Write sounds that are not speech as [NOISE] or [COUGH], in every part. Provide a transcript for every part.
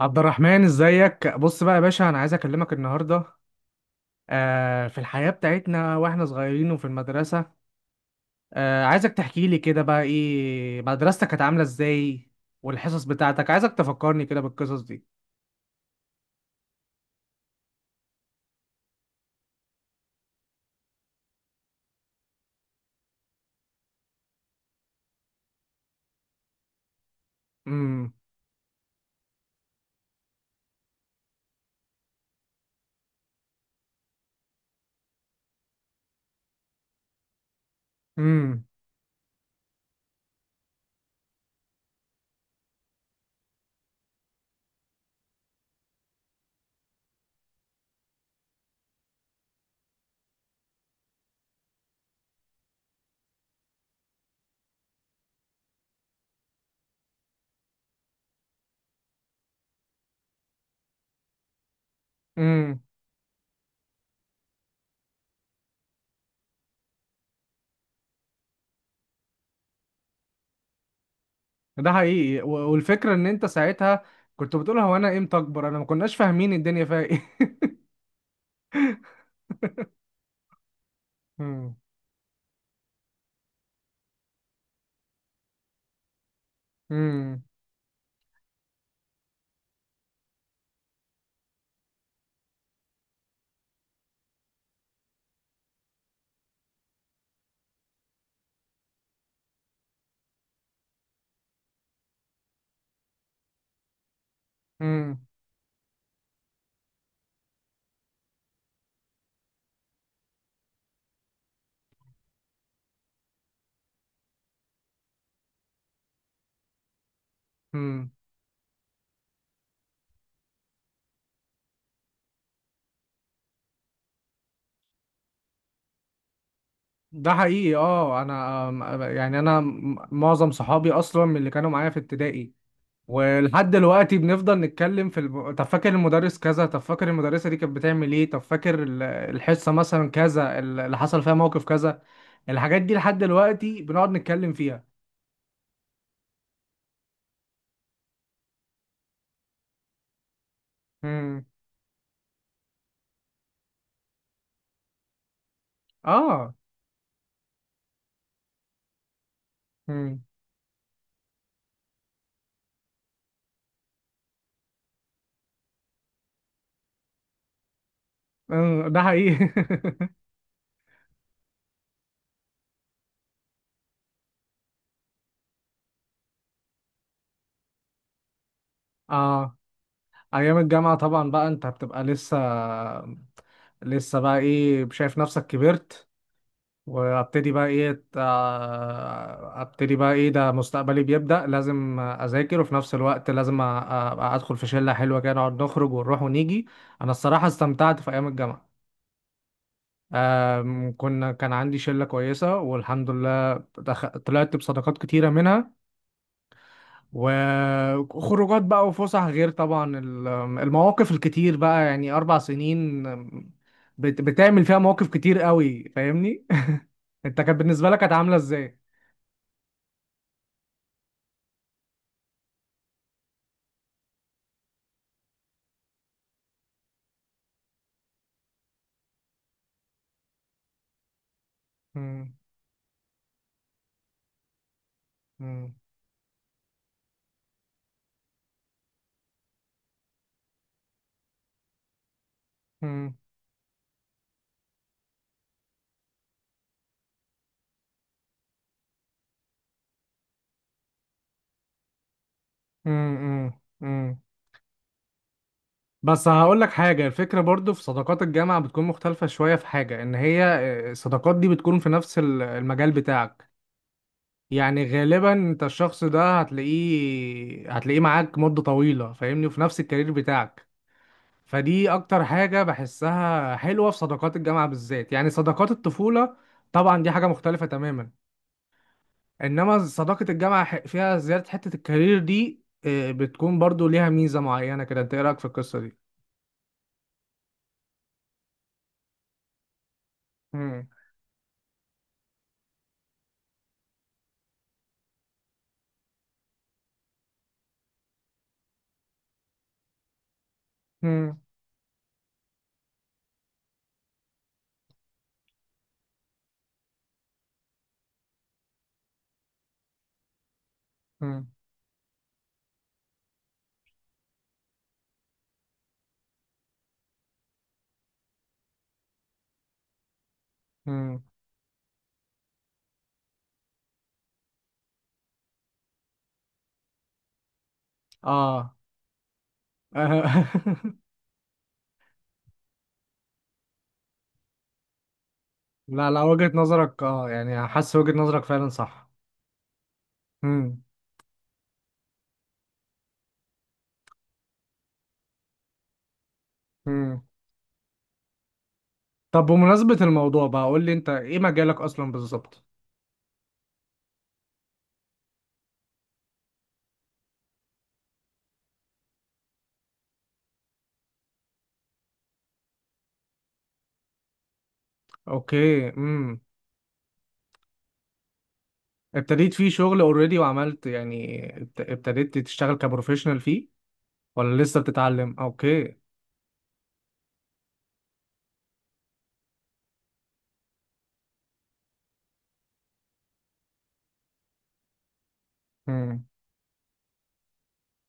عبد الرحمن ازيك، بص بقى يا باشا، انا عايز اكلمك النهارده. في الحياه بتاعتنا واحنا صغيرين وفي المدرسه. عايزك تحكي لي كده بقى ايه مدرستك كانت عامله ازاي؟ والحصص بتاعتك، عايزك تفكرني كده بالقصص دي. امم. امم. امم. ده حقيقي، والفكره ان انت ساعتها كنت بتقول هو انا امتى اكبر، انا ما كناش فاهمين الدنيا فيها ايه. [LAUGHS] امم. امم. امم. ده حقيقي. اه، انا يعني معظم صحابي اصلا من اللي كانوا معايا في ابتدائي، ولحد دلوقتي بنفضل نتكلم في طب فاكر المدرس كذا، طب فاكر المدرسة دي كانت بتعمل ايه، طب فاكر الحصة مثلا كذا، اللي حصل فيها موقف كذا. الحاجات دي لحد دلوقتي بنقعد نتكلم فيها. امم. اه. امم. [LAUGHS] آه، ده حقيقي. [LAUGHS] اه. ايام الجامعة طبعا بقى انت بتبقى لسه بقى ايه، شايف نفسك كبرت، وابتدي بقى ايه ده مستقبلي بيبدأ، لازم اذاكر، وفي نفس الوقت لازم ادخل في شلة حلوة كده، نقعد نخرج ونروح ونيجي. انا الصراحة استمتعت في ايام الجامعة. آم، كنا كان عندي شلة كويسة والحمد لله، طلعت بصداقات كتيرة منها، وخروجات بقى وفسح، غير طبعا المواقف الكتير، بقى يعني 4 سنين بتعمل فيها مواقف كتير قوي، فاهمني. [LAUGHS] انت كانت بالنسبة لك كانت عاملة ازاي؟ مم. مم. مم. مم. مم. مم. بس هقول لك حاجة، الفكرة برضو في صداقات الجامعة بتكون مختلفة شوية، في حاجة ان هي، الصداقات دي بتكون في نفس المجال بتاعك. يعني غالبا انت الشخص ده هتلاقيه معاك مدة طويلة، فاهمني، وفي نفس الكارير بتاعك. فدي اكتر حاجة بحسها حلوة في صداقات الجامعة بالذات. يعني صداقات الطفولة طبعا دي حاجة مختلفة تماما. انما صداقة الجامعة فيها زيادة حتة الكارير دي، بتكون برضو ليها ميزة معينة كده. انت ايه رأيك في القصة دي؟ مم. مم. مم. مم. اه. [LAUGHS] لا، لا، وجهة نظرك، اه يعني حاسس وجهة نظرك فعلا صح. مم. مم. طب بمناسبة الموضوع بقى، قول لي انت ايه مجالك اصلا بالظبط؟ اوكي. امم. ابتديت فيه شغل اوريدي، وعملت يعني ابتديت تشتغل كبروفيشنال فيه، ولا لسه بتتعلم؟ اوكي. مم.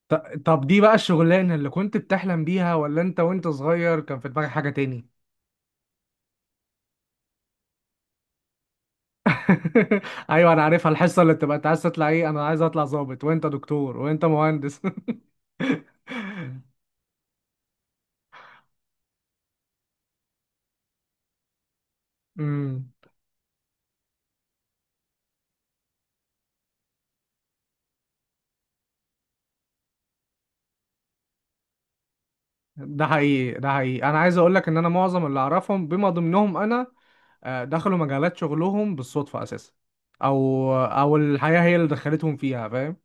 ط- طب دي بقى الشغلانة اللي كنت بتحلم بيها، ولا انت وانت صغير كان في دماغك حاجة تاني؟ [LAUGHS] ايوه، انا عارفها الحصة اللي بتبقى انت عايز تطلع ايه، انا عايز اطلع ضابط، وانت دكتور، وانت مهندس. [LAUGHS] امم. ده حقيقي، ده حقيقي، انا عايز اقول لك ان انا معظم اللي اعرفهم بما ضمنهم انا، دخلوا مجالات شغلهم بالصدفة اساسا، او الحياة هي اللي دخلتهم فيها، فاهم.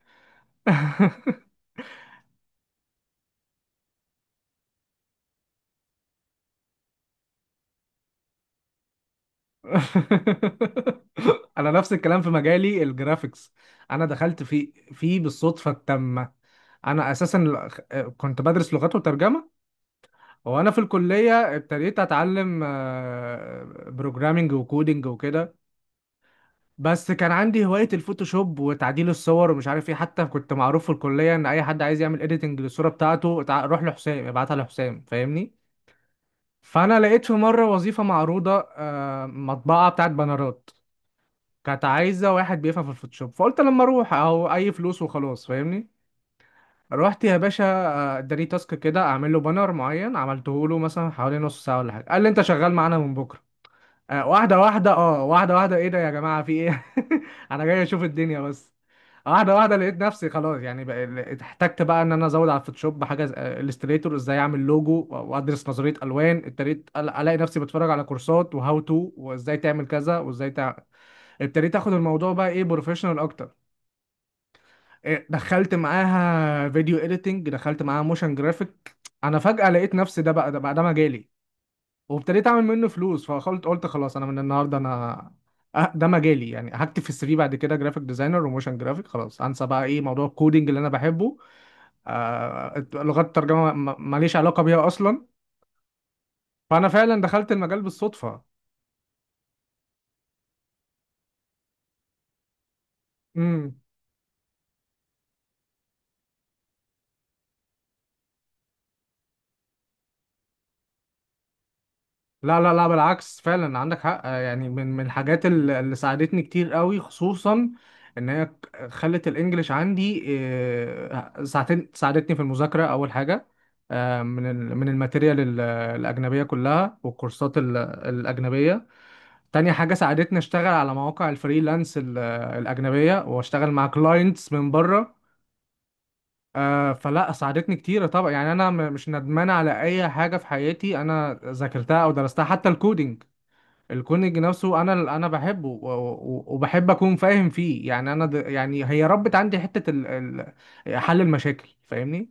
[LAUGHS] انا نفس الكلام في مجالي الجرافيكس. انا دخلت فيه بالصدفه التامه. انا اساسا كنت بدرس لغات وترجمه، وانا في الكليه ابتديت اتعلم بروجرامنج وكودينج وكده. بس كان عندي هوايه الفوتوشوب وتعديل الصور ومش عارف ايه، حتى كنت معروف في الكليه ان اي حد عايز يعمل اديتنج للصوره بتاعته روح لحسام، ابعتها لحسام، فاهمني. فانا لقيت في مره وظيفه معروضه، مطبعه بتاعت بانرات، كانت عايزه واحد بيفهم في الفوتوشوب، فقلت لما اروح اهو، اي فلوس وخلاص، فاهمني. رحت يا باشا، اداني تاسك كده، اعمل له بانر معين، عملته له مثلا حوالي نص ساعه ولا حاجه، قال لي انت شغال معانا من بكره. واحده واحده، اه واحده واحده، ايه ده يا جماعه، في ايه؟ [LAUGHS] انا جاي اشوف الدنيا بس. واحده واحده لقيت نفسي خلاص، يعني احتجت بقى ان انا ازود على الفوتوشوب حاجه، الستريتور، ازاي اعمل لوجو، وادرس نظريه الوان. ابتديت الاقي نفسي بتفرج على كورسات وهاو تو وازاي تعمل كذا، ابتديت اخد الموضوع بقى ايه بروفيشنال اكتر. دخلت معاها فيديو اديتنج، دخلت معاها موشن جرافيك. انا فجأة لقيت نفسي ده مجالي، وابتديت اعمل منه فلوس، فقلت خلاص انا من النهارده، انا ده مجالي، يعني هكتب في السي في بعد كده جرافيك ديزاينر وموشن جرافيك، خلاص انسى بقى ايه موضوع الكودينج اللي انا بحبه. لغات الترجمه ماليش علاقه بيها اصلا، فانا فعلا دخلت المجال بالصدفه. إمم. لا، لا، لا، بالعكس فعلا عندك حق. يعني من الحاجات اللي ساعدتني كتير قوي، خصوصا ان هي خلت الانجليش عندي، ساعتين ساعدتني في المذاكره اول حاجه، من الماتيريال الاجنبيه كلها، والكورسات الاجنبيه. تاني حاجه ساعدتني اشتغل على مواقع الفريلانس الاجنبيه، واشتغل مع كلاينتس من بره. فلا، ساعدتني كتير طبعا. يعني انا مش ندمان على اي حاجه في حياتي انا ذاكرتها او درستها، حتى الكودينج، الكونج نفسه انا بحبه، وبحب اكون فاهم فيه. يعني انا يعني هي ربت عندي حته حل المشاكل، فاهمني.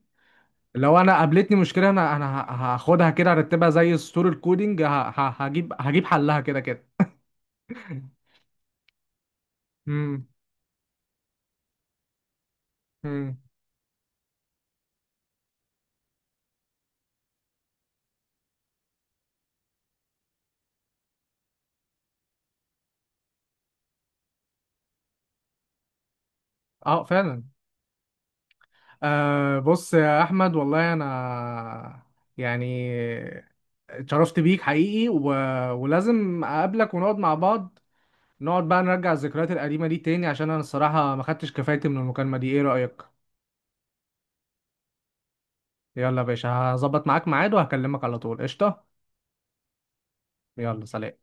لو انا قابلتني مشكله، انا هاخدها كده، ارتبها زي السطور الكودينج، ه... ه... هجيب هجيب حلها كده كده. امم. امم. اه فعلا. بص يا احمد، والله انا يعني اتشرفت بيك حقيقي، ولازم اقابلك ونقعد مع بعض، نقعد بقى نرجع الذكريات القديمة دي تاني، عشان أنا الصراحة ما خدتش كفايتي من المكالمة دي، إيه رأيك؟ يلا يا باشا، هظبط معاك ميعاد وهكلمك على طول، قشطة؟ يلا، سلام.